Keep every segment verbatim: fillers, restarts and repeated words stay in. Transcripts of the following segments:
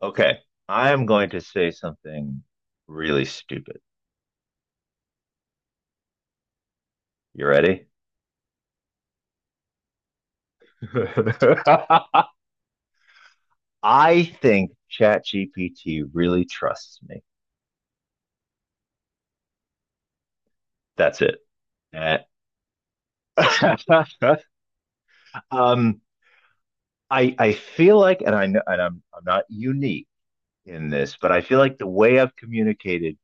Okay, I am going to say something really stupid. You ready? I think ChatGPT really trusts me. That's it. Eh. um, I I feel like, and I know, and I'm I'm not unique in this, but I feel like the way I've communicated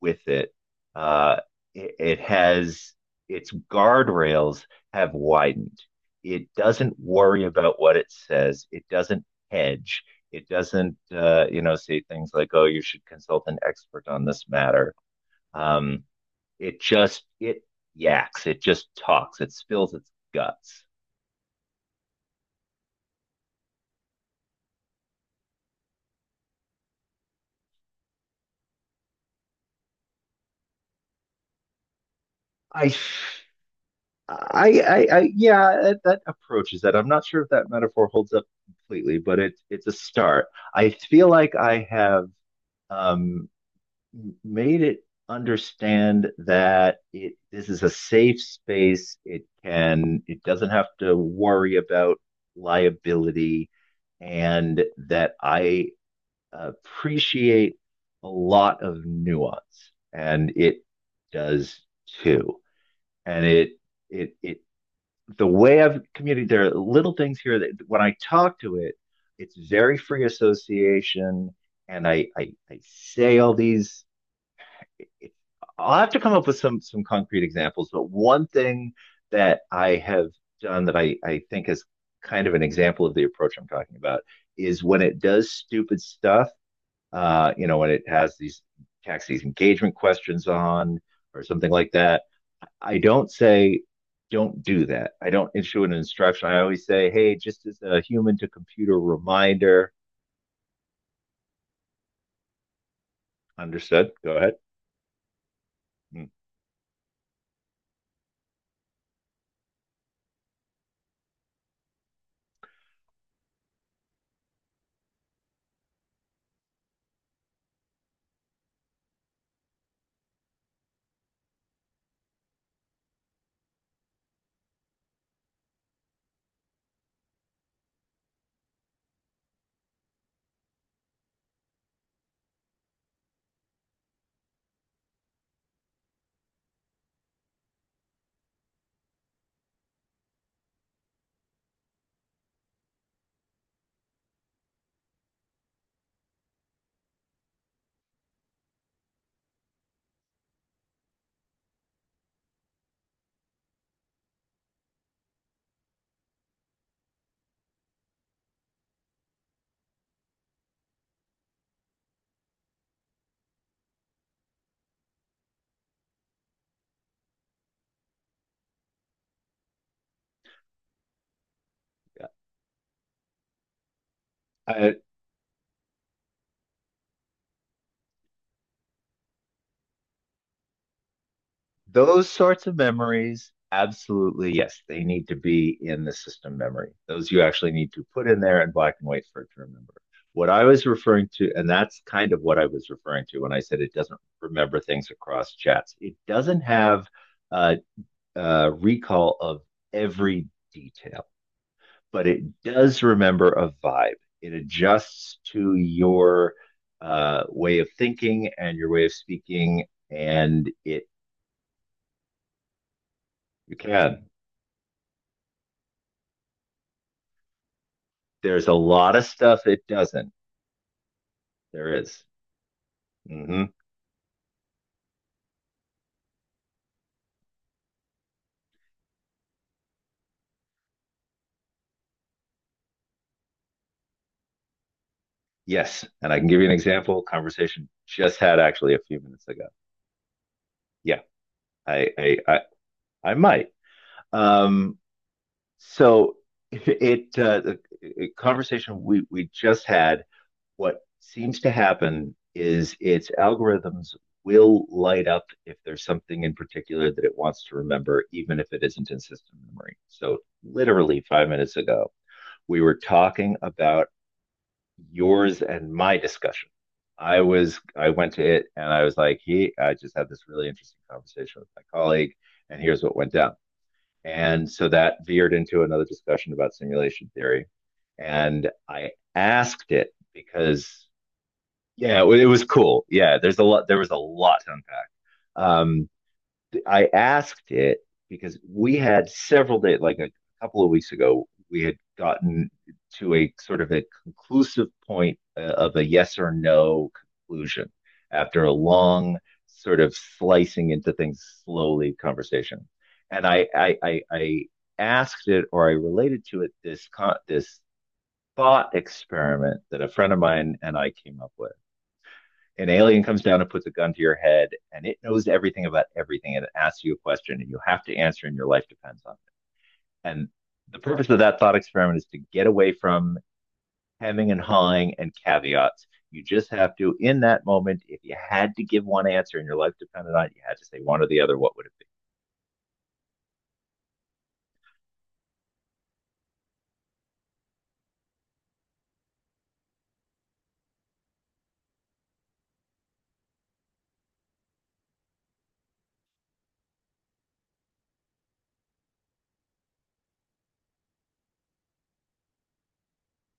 with it. Uh, it, it has its guardrails have widened. It doesn't worry about what it says. It doesn't hedge. It doesn't, uh, you know, say things like, "Oh, you should consult an expert on this matter." Um, it just it yaks. It just talks. It spills its guts. I, I, I, I yeah, that, that approach that. I'm not sure if that metaphor holds up completely, but it's it's a start. I feel like I have um, made it understand that it this is a safe space. It can it doesn't have to worry about liability, and that I appreciate a lot of nuance, and it does too. And it it it the way I've communicated, there are little things here that when I talk to it, it's very free association, and I I, I say all these I'll have to come up with some some concrete examples, but one thing that I have done that I, I think is kind of an example of the approach I'm talking about is when it does stupid stuff, uh, you know, when it has these tax these engagement questions on or something like that. I don't say don't do that. I don't issue an instruction. I always say, hey, just as a human to computer reminder. Understood. Go ahead. Mm, yeah. I, Those sorts of memories, absolutely, yes, they need to be in the system memory. Those you actually need to put in there in black and white for it to remember. What I was referring to, and that's kind of what I was referring to when I said it doesn't remember things across chats. It doesn't have a, a recall of every detail, but it does remember a vibe. It adjusts to your uh, way of thinking and your way of speaking, and it you can there's a lot of stuff it doesn't. There is. Mm-hmm. Yes. And I can give you an example. Conversation just had actually a few minutes ago. Yeah, I, I, I, I might. Um, so it, uh, the the conversation we, we just had, what seems to happen is its algorithms will light up if there's something in particular that it wants to remember, even if it isn't in system memory. So, literally five minutes ago, we were talking about yours and my discussion. I was I went to it and I was like, hey, I just had this really interesting conversation with my colleague, and here's what went down. And so that veered into another discussion about simulation theory. And I asked it because yeah, it was cool. Yeah, there's a lot. There was a lot to unpack. Um, I asked it because we had several days, like a couple of weeks ago, we had gotten to a sort of a conclusive point uh, of a yes or no conclusion after a long sort of slicing into things slowly conversation. And I, I, I, I asked it or I related to it this con- this thought experiment that a friend of mine and I came up with an alien comes down and puts a gun to your head and it knows everything about everything and it asks you a question and you have to answer and your life depends on it. And the purpose of that thought experiment is to get away from hemming and hawing and caveats. You just have to, in that moment, if you had to give one answer and your life depended on it, you had to say one or the other, what would it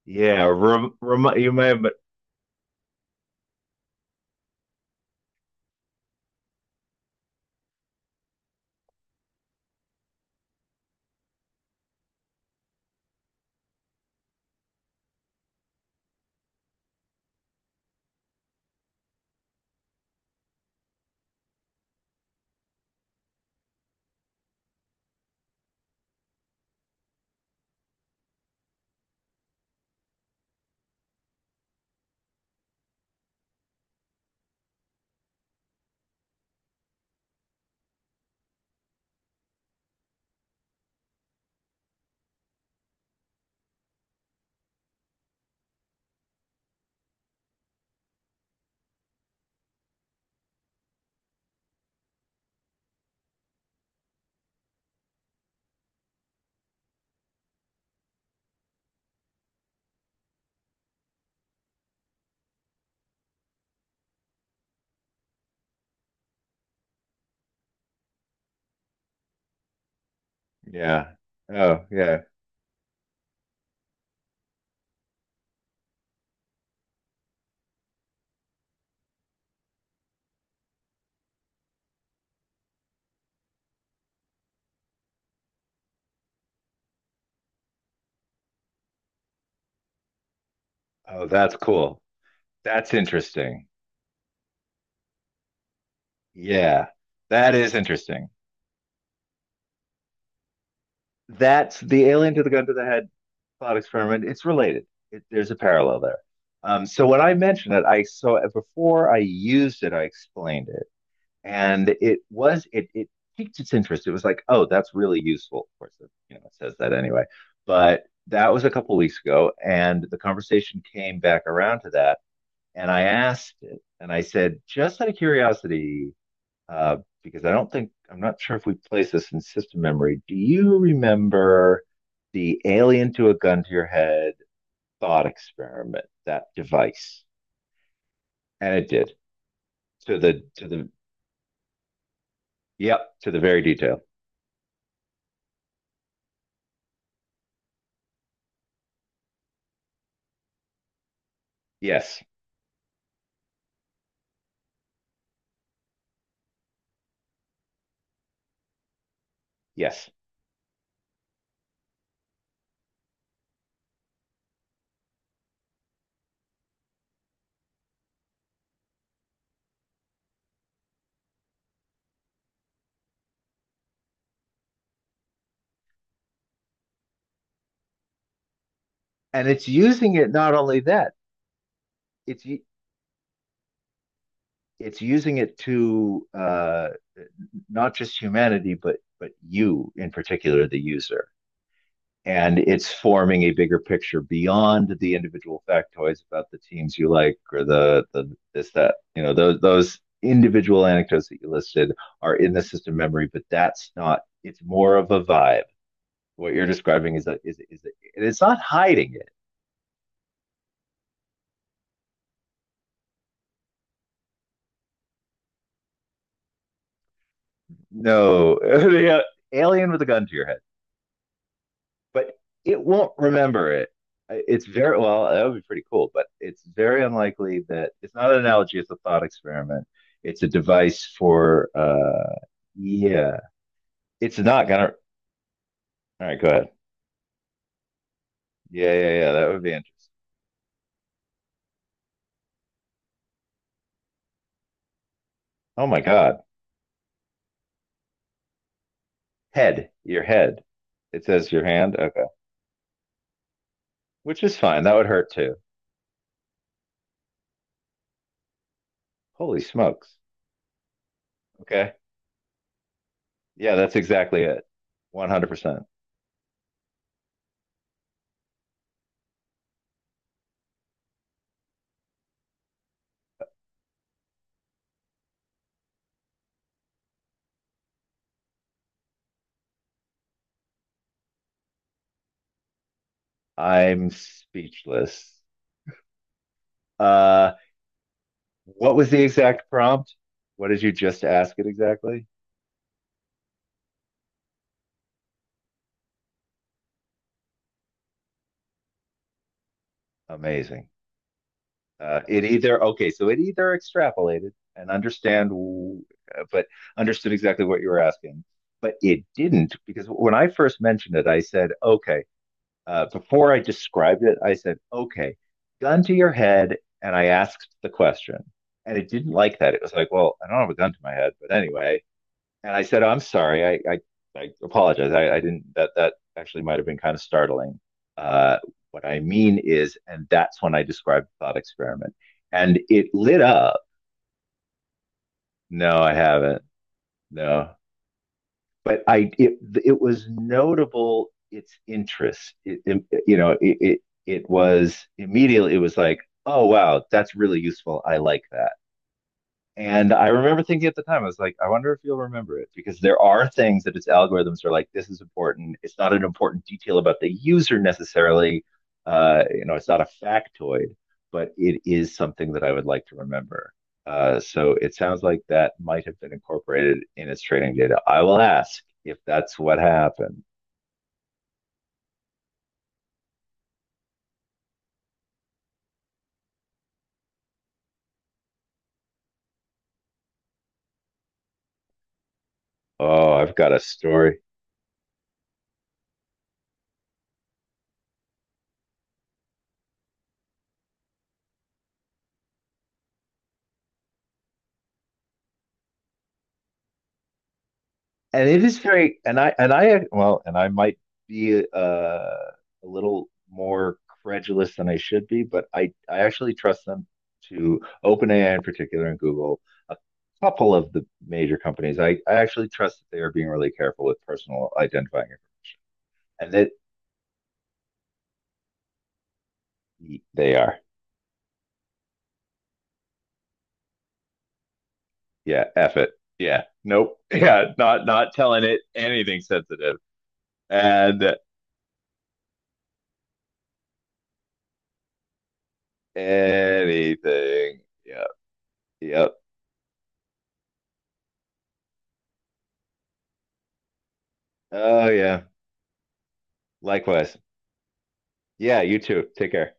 be? Yeah, rem- rem- you may have, yeah. Oh, yeah. Oh, that's cool. That's interesting. Yeah, that is interesting. That's the alien to the gun to the head thought experiment, it's related. It, there's a parallel there. Um, so when I mentioned it, I so before I used it, I explained it, and it was it it piqued its interest. It was like, oh, that's really useful. Of course, it, you know, it says that anyway. But that was a couple of weeks ago, and the conversation came back around to that, and I asked it, and I said, just out of curiosity, uh, because I don't think I'm not sure if we place this in system memory. Do you remember the alien to a gun to your head thought experiment, that device. And it did to the, to the, yep, to the very detail. Yes. Yes. And it's using it not only that, it's, it's using it to uh, not just humanity, but, but you in particular, the user. And it's forming a bigger picture beyond the individual factoids about the teams you like or the, the this, that, you know, those, those individual anecdotes that you listed are in the system memory, but that's not, it's more of a vibe. What you're describing is a, is is and it's not hiding it. No, alien with a gun to your head, but it won't remember it. It's very well. That would be pretty cool, but it's very unlikely that it's not an analogy. It's a thought experiment. It's a device for. uh Yeah, it's not gonna. All right, go ahead. Yeah, yeah, yeah. That would be interesting. Oh my God, head, your head. It says your hand. Okay, which is fine. That would hurt too. Holy smokes. Okay. Yeah, that's exactly it. one hundred percent. I'm speechless. Uh, what was the exact prompt? What did you just ask it exactly? Amazing. Uh, it either, okay, so it either extrapolated and understand, w- uh, but understood exactly what you were asking, but it didn't because when I first mentioned it, I said, okay, uh, before I described it, I said, okay, gun to your head. And I asked the question and it didn't like that. It was like, well, I don't have a gun to my head, but anyway, and I said, oh, "I'm sorry. I I, I apologize. I, I didn't. That that actually might have been kind of startling. Uh, what I mean is, and that's when I described the thought experiment, and it lit up. No, I haven't. No, but I it it was notable. Its interest. It, it- you know, it, it it was immediately. It was like, oh wow, that's really useful. I like that. And I remember thinking at the time, I was like, I wonder if you'll remember it because there are things that its algorithms are like, this is important. It's not an important detail about the user necessarily. Uh, you know, it's not a factoid, but it is something that I would like to remember. Uh, so it sounds like that might have been incorporated in its training data. I will ask if that's what happened. Oh, I've got a story and it is very and i and I well and I might be uh, a little more credulous than I should be, but i i actually trust them, to OpenAI in particular and Google, a couple of the major companies. I i actually trust that they are being really careful with personal identifying information. And that they are, yeah, F it. Yeah, nope. Yeah, not not telling it anything sensitive and anything, yeah, yep. Yeah. Oh yeah, likewise. Yeah, you too. Take care.